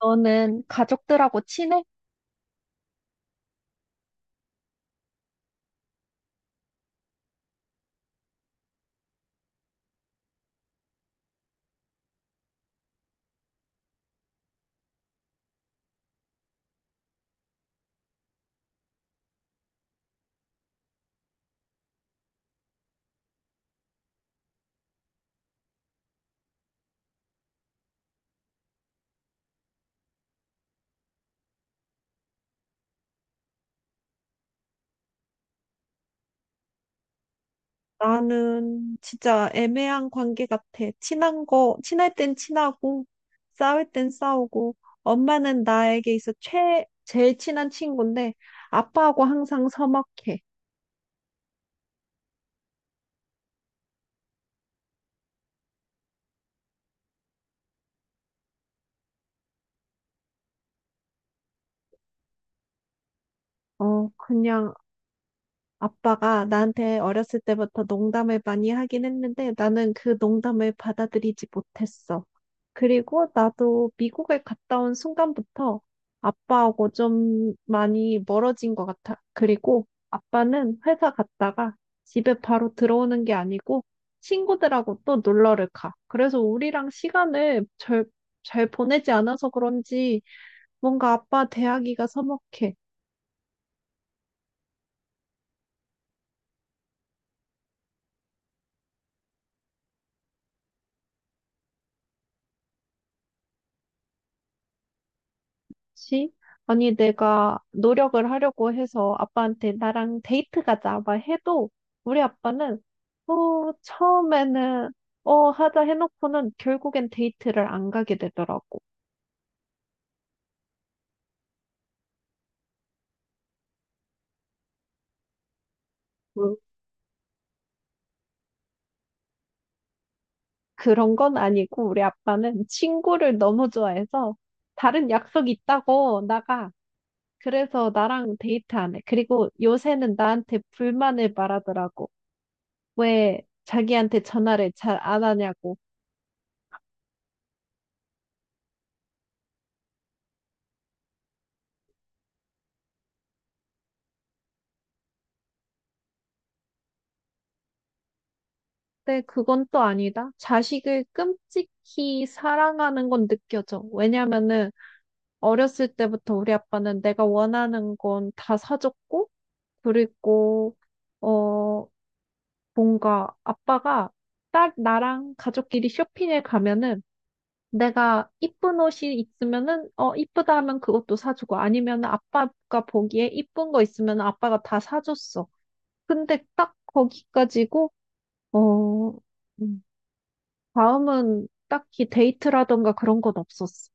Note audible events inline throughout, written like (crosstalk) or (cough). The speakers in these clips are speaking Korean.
너는 가족들하고 친해? 나는 진짜 애매한 관계 같아. 친한 거, 친할 땐 친하고, 싸울 땐 싸우고, 엄마는 나에게 있어 제일 친한 친구인데, 아빠하고 항상 서먹해. 그냥 아빠가 나한테 어렸을 때부터 농담을 많이 하긴 했는데 나는 그 농담을 받아들이지 못했어. 그리고 나도 미국에 갔다 온 순간부터 아빠하고 좀 많이 멀어진 것 같아. 그리고 아빠는 회사 갔다가 집에 바로 들어오는 게 아니고 친구들하고 또 놀러를 가. 그래서 우리랑 잘 보내지 않아서 그런지 뭔가 아빠 대하기가 서먹해. 그치? 아니, 내가 노력을 하려고 해서 아빠한테 나랑 데이트 가자, 막 해도 우리 아빠는 처음에는 하자 해놓고는 결국엔 데이트를 안 가게 되더라고. 뭐, 그런 건 아니고 우리 아빠는 친구를 너무 좋아해서 다른 약속 있다고 나가. 그래서 나랑 데이트 안 해. 그리고 요새는 나한테 불만을 말하더라고. 왜 자기한테 전화를 잘 안 하냐고. 근데 그건 또 아니다. 자식을 끔찍히 사랑하는 건 느껴져. 왜냐면은 어렸을 때부터 우리 아빠는 내가 원하는 건 다 사줬고, 그리고 어 뭔가 아빠가 딸 나랑 가족끼리 쇼핑에 가면은 내가 이쁜 옷이 있으면은 어 이쁘다 하면 그것도 사주고 아니면 아빠가 보기에 이쁜 거 있으면 아빠가 다 사줬어. 근데 딱 거기까지고 어. 음. 다음은 딱히 데이트라던가 그런 건 없었어.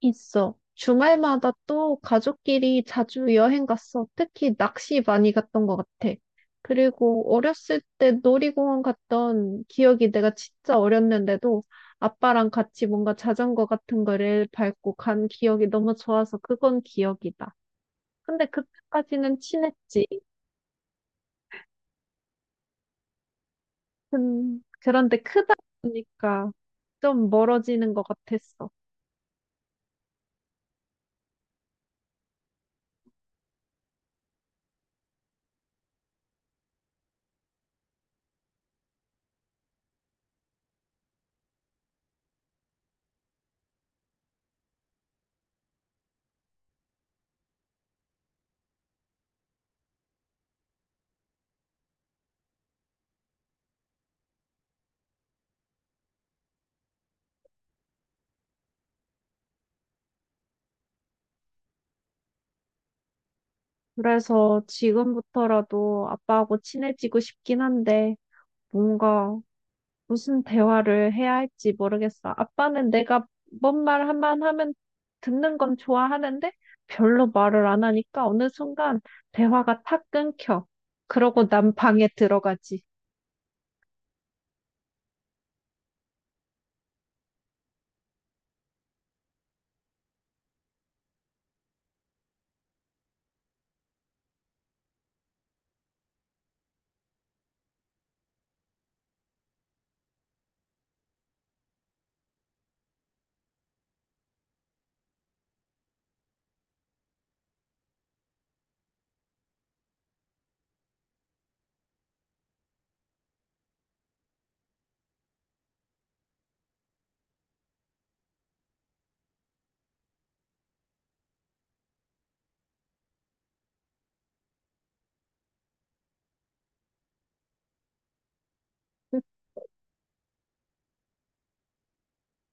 있어. 주말마다 또 가족끼리 자주 여행 갔어. 특히 낚시 많이 갔던 것 같아. 그리고 어렸을 때 놀이공원 갔던 기억이 내가 진짜 어렸는데도 아빠랑 같이 뭔가 자전거 같은 거를 밟고 간 기억이 너무 좋아서 그건 기억이다. 근데 그때까지는 친했지. 그런데 크다 보니까 좀 멀어지는 것 같았어. 그래서 지금부터라도 아빠하고 친해지고 싶긴 한데, 뭔가 무슨 대화를 해야 할지 모르겠어. 아빠는 내가 뭔 말 한 번 하면 듣는 건 좋아하는데, 별로 말을 안 하니까 어느 순간 대화가 탁 끊겨. 그러고 난 방에 들어가지.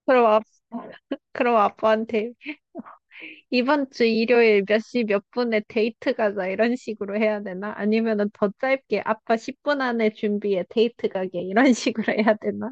그럼, 아, 그럼 아빠한테 이번 주 일요일 몇시 몇 분에 데이트 가자 이런 식으로 해야 되나? 아니면은 더 짧게 아빠 10분 안에 준비해 데이트 가게 이런 (laughs) 식으로 해야 되나?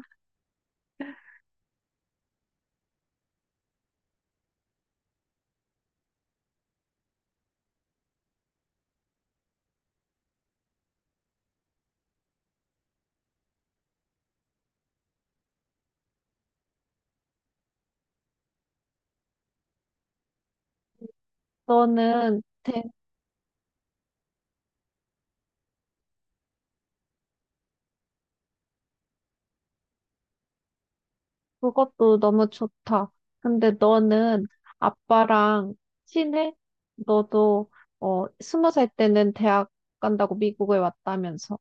너는 데- 그것도 너무 좋다. 근데 너는 아빠랑 친해? 너도 20살 때는 대학 간다고 미국에 왔다면서.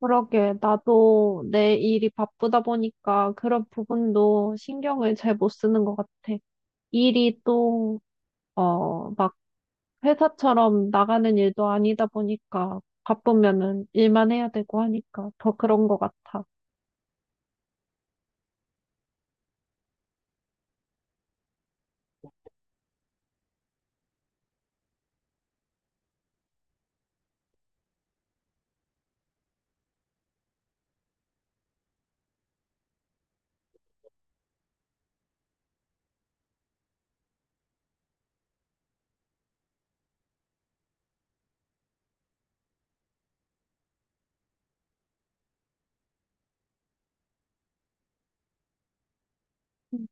그러게, 나도 내 일이 바쁘다 보니까 그런 부분도 신경을 잘 못 쓰는 것 같아. 일이 또, 어, 막 회사처럼 나가는 일도 아니다 보니까 바쁘면은 일만 해야 되고 하니까 더 그런 것 같아. 음,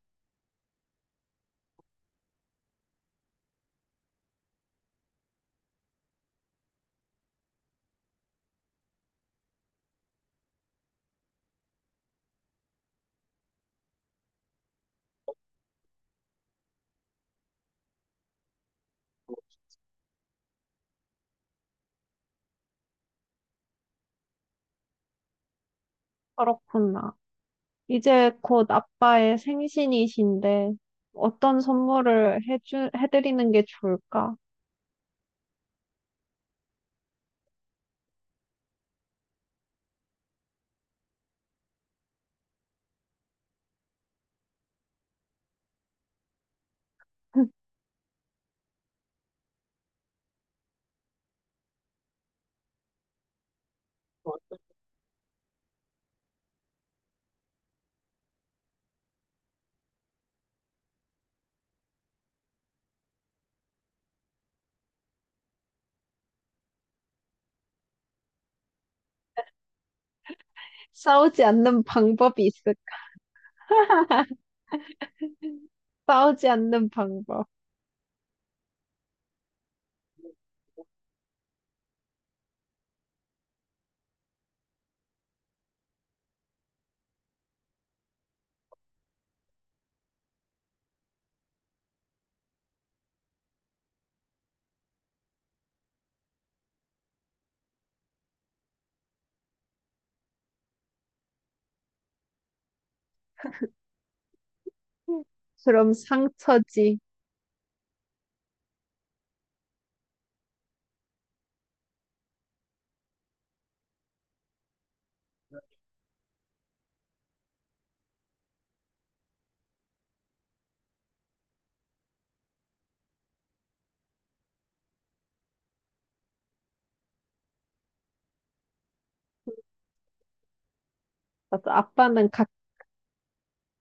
그렇구나. 이제 곧 아빠의 생신이신데 어떤 해드리는 게 좋을까? (laughs) 싸우지 않는 방법이 있을까? (laughs) 싸우지 않는 방법. 그럼 상처지. 맞아, 아빠는 각,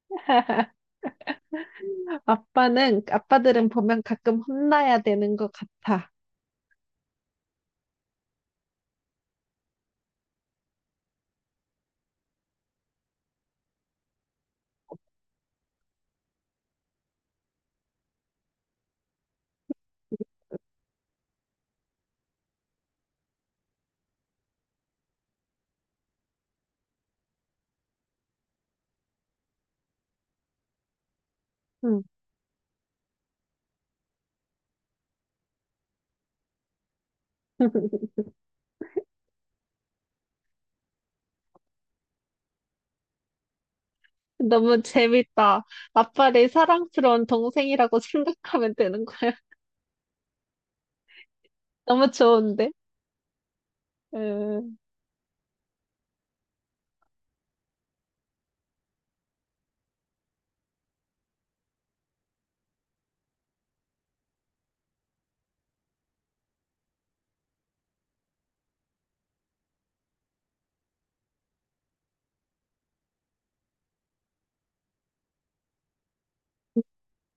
(laughs) 아빠들은 보면 가끔 혼나야 되는 것 같아. 응. (laughs) 너무 재밌다. 아빠를 사랑스러운 동생이라고 (laughs) 생각하면 되는 거야. (laughs) 너무 좋은데? 음,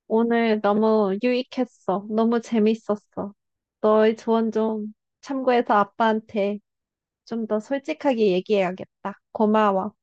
오늘 너무 유익했어. 너무 재밌었어. 너의 조언 좀 참고해서 아빠한테 좀 더 솔직하게 얘기해야겠다. 고마워.